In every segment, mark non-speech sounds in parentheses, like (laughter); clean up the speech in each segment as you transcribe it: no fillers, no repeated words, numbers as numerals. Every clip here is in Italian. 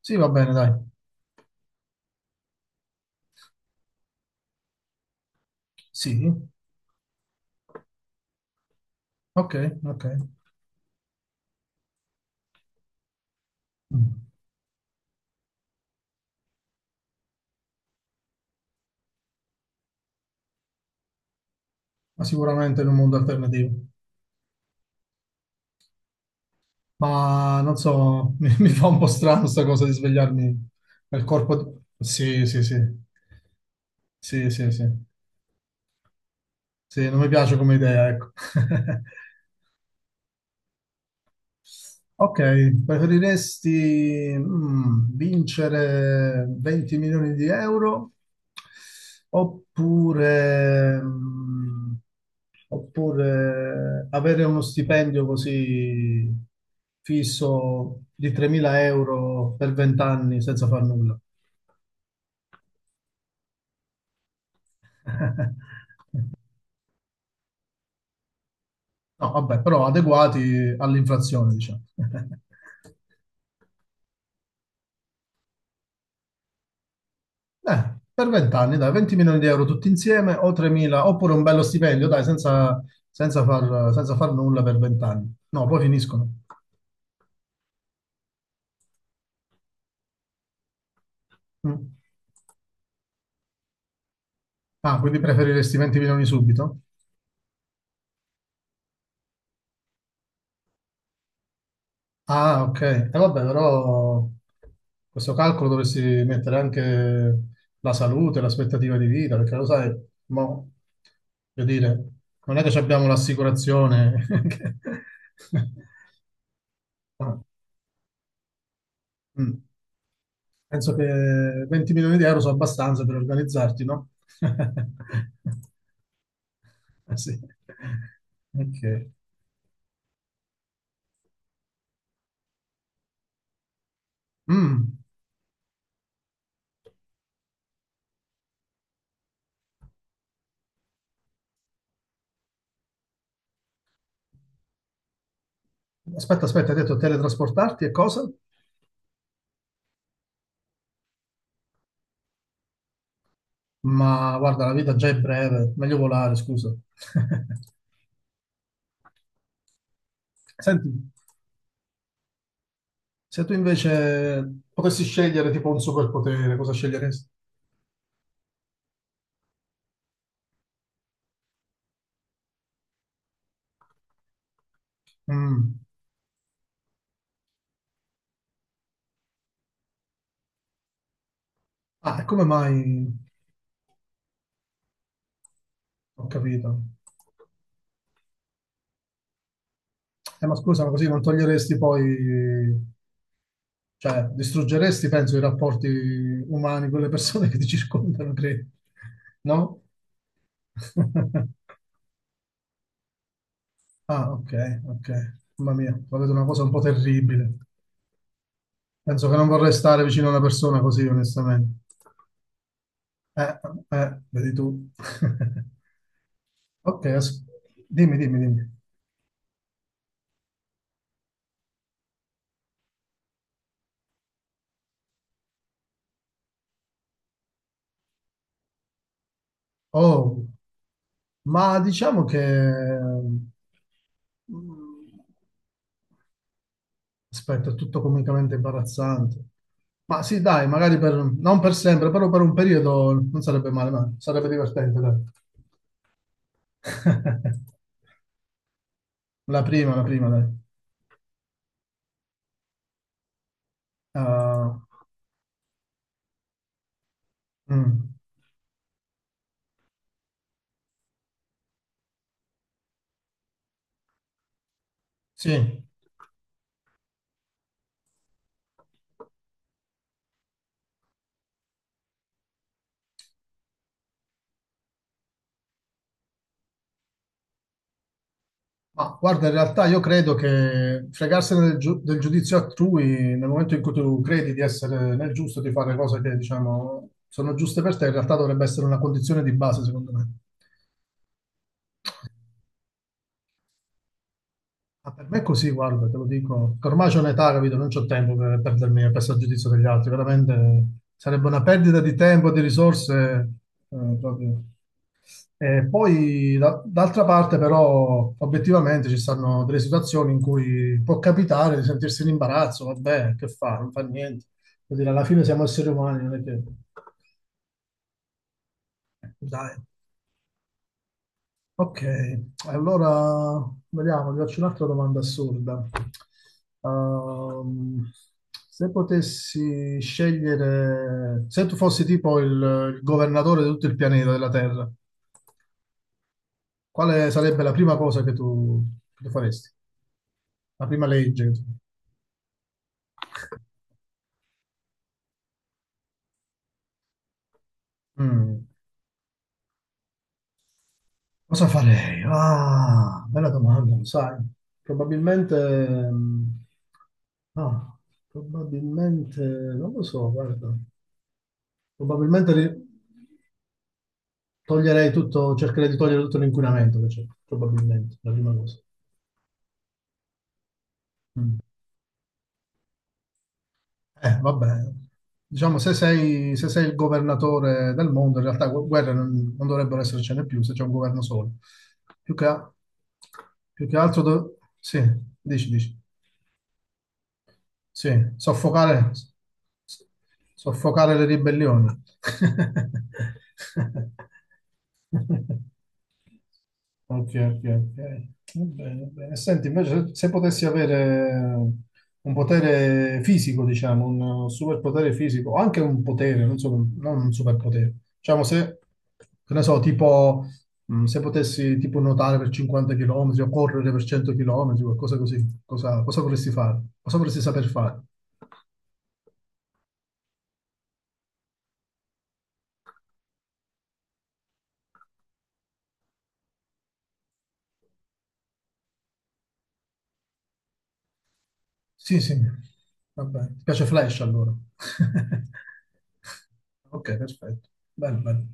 Sì, va bene, dai. Sì, ok, ok. Mm. Ma sicuramente in un mondo alternativo. Ma non so, (laughs) mi fa un po' strano sta cosa di svegliarmi nel corpo. Sì, sì, sì. Sì, sì, sì. Sì, non mi piace come idea, ecco. (laughs) Ok, preferiresti vincere 20 milioni di euro oppure, mm, oppure avere uno stipendio così fisso di 3.000 euro per 20 anni senza far nulla? (laughs) No, vabbè, però adeguati all'inflazione, diciamo. (laughs) Per 20 anni, dai, 20 milioni di euro tutti insieme o 3.000, oppure un bello stipendio, dai, senza far nulla per 20 anni. No, poi finiscono. Mm. Ah, quindi preferiresti 20 milioni subito? Ah, ok. E vabbè, però questo calcolo dovresti mettere anche la salute, l'aspettativa di vita, perché lo sai, mo, voglio dire, non è che ci abbiamo l'assicurazione. (laughs) Ah, Mm. Penso che 20 milioni di euro sono abbastanza per organizzarti, no? (laughs) Sì. Ok. Mm. Aspetta, aspetta, hai detto teletrasportarti e cosa? Ma guarda, la vita già è breve, meglio volare, scusa. (laughs) Senti, se tu invece potessi scegliere tipo un superpotere, cosa sceglieresti? Mm. Ah, e come mai? Ho capito. Ma scusa, ma così non toglieresti poi, cioè, distruggeresti, penso, i rapporti umani con le persone che ti circondano, credo. No? (laughs) Ah, ok, ok. Mamma mia, la vedo una cosa un po' terribile. Penso che non vorrei stare vicino a una persona così, onestamente. Eh, vedi tu. (laughs) Ok, dimmi, dimmi, dimmi. Oh, ma diciamo che, mm, aspetta, è tutto comicamente imbarazzante. Ma sì, dai, magari per, non per sempre, però per un periodo non sarebbe male, ma sarebbe divertente, dai. (laughs) La prima, dai. Ah, mm, sì, ma guarda, in realtà io credo che fregarsene del giudizio altrui nel momento in cui tu credi di essere nel giusto, di fare cose che, diciamo, sono giuste per te, in realtà dovrebbe essere una condizione di base, secondo me. Ma per me è così, guarda, te lo dico. Che ormai c'ho un'età, capito? Non c'ho tempo per perdermi a questo giudizio degli altri. Veramente sarebbe una perdita di tempo, di risorse, proprio. E poi, d'altra parte, però, obiettivamente ci stanno delle situazioni in cui può capitare di sentirsi in imbarazzo. Vabbè, che fa? Non fa niente. Vuol dire, alla fine siamo esseri umani, non è che... Dai. Ok, allora vediamo, ti faccio un'altra domanda assurda. Ehm, Se potessi scegliere, se tu fossi tipo il governatore di tutto il pianeta della Terra, quale sarebbe la prima cosa che tu faresti? La prima legge? Mm, Cosa farei? Ah, bella domanda, lo sai. Probabilmente, mm, ah, probabilmente, non lo so, guarda. Probabilmente toglierei tutto, cercherei di togliere tutto l'inquinamento che c'è, probabilmente, la prima cosa. Mm. Vabbè, diciamo, se sei il governatore del mondo, in realtà guerre non dovrebbero essercene più se c'è un governo solo. Più che, a- Più che altro, sì, dici, dici, sì, soffocare, soffocare le ribellioni. (laughs) Ok, ok, ok. Va bene, va bene. Senti, invece, se se potessi avere un potere fisico, diciamo, un superpotere fisico, o anche un potere, non so, non un superpotere, diciamo, se, che ne so, tipo, se potessi tipo nuotare per 50 km o correre per 100 km, qualcosa così, cosa vorresti fare? Cosa vorresti saper fare? Sì, sì, va bene. Ti piace Flash allora? (laughs) Ok, perfetto. Bello, bello.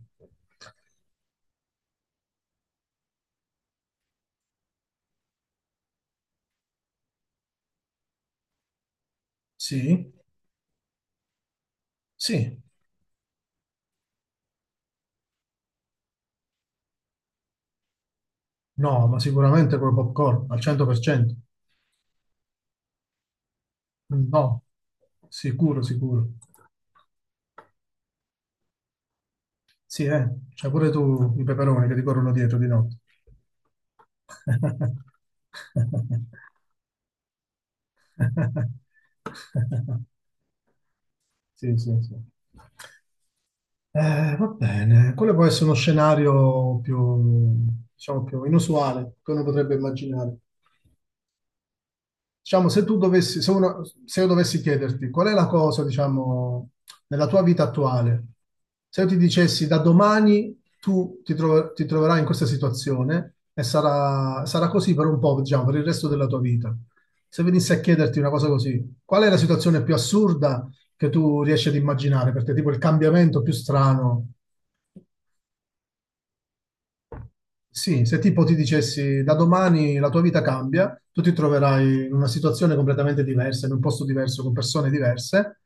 Sì, sì. No, ma sicuramente con popcorn, al 100%. No, sicuro, sicuro. Sì, c'hai pure tu i peperoni che ti corrono dietro di notte. (laughs) Sì, sì, sì. Va bene, quello può essere uno scenario più, diciamo, più inusuale che uno potrebbe immaginare. Diciamo, se tu dovessi, se, uno- se io dovessi chiederti qual è la cosa, diciamo, nella tua vita attuale, se io ti dicessi da domani tu ti troverai in questa situazione e sarà così per un po', diciamo, per il resto della tua vita. Se venissi a chiederti una cosa così, qual è la situazione più assurda che tu riesci ad immaginare per te, tipo il cambiamento più strano? Sì, se tipo ti dicessi da domani la tua vita cambia, tu ti troverai in una situazione completamente diversa, in un posto diverso, con persone diverse.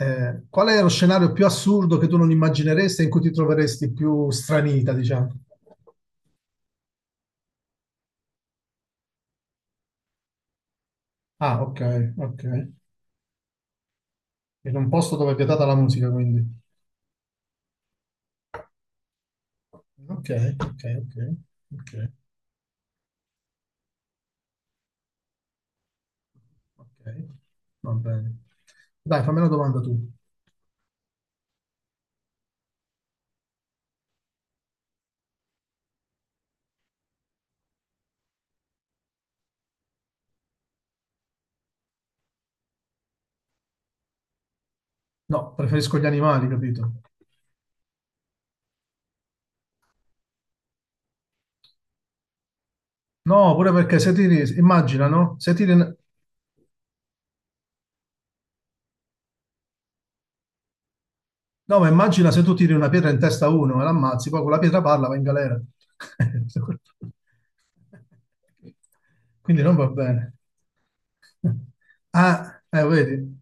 Qual è lo scenario più assurdo che tu non immagineresti e in cui ti troveresti più stranita, diciamo? Ah, ok, ok. In un posto dove è vietata la musica, quindi. Ok, ok, ok, ok, ok. Va bene. Dai, fammi una domanda tu. No, preferisco gli animali, capito? No, pure perché se ti ri- immagina, no? Se ti ri- No, ma immagina se tu tiri una pietra in testa a uno e l'ammazzi, poi con la pietra parla, va in galera. (laughs) Quindi non va bene. Ah, vedi?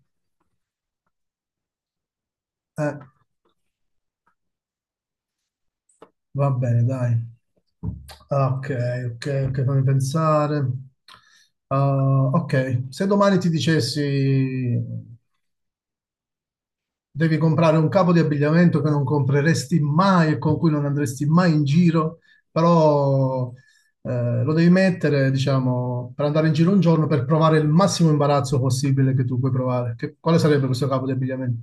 Eh, va bene, dai. Ah, ok, ok, ok, fammi pensare. Ah, ok, se domani ti dicessi: devi comprare un capo di abbigliamento che non compreresti mai e con cui non andresti mai in giro, però lo devi mettere, diciamo, per andare in giro un giorno per provare il massimo imbarazzo possibile che tu puoi provare. Quale sarebbe questo capo di abbigliamento?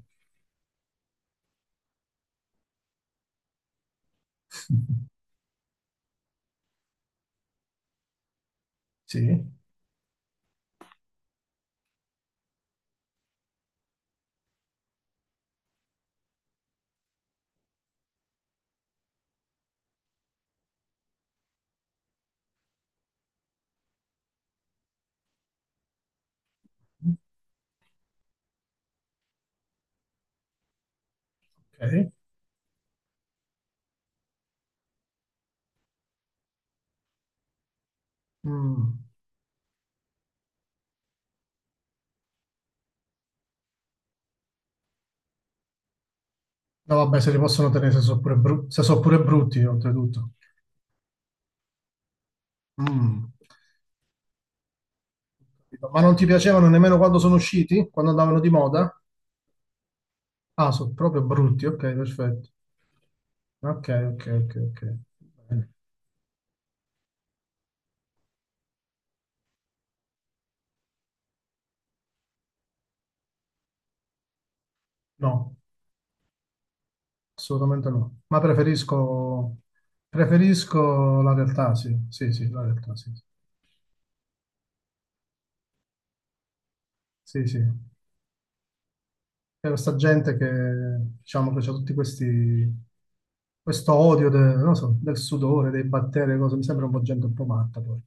(laughs) Sì, ok. Mm. No, vabbè, se li possono tenere se sono se sono pure brutti, oltretutto. Mm. Ma non ti piacevano nemmeno quando sono usciti? Quando andavano di moda? Ah, sono proprio brutti, ok, perfetto. Ok, ok, ok, ok. Bene. No, assolutamente no. Ma preferisco la realtà, sì. Sì, sì, la realtà, sì. Sì, sì. C'è questa gente che, diciamo, che c'ha tutti questo odio non so, del sudore, dei batteri, cose. Mi sembra un po' gente un po' matta poi.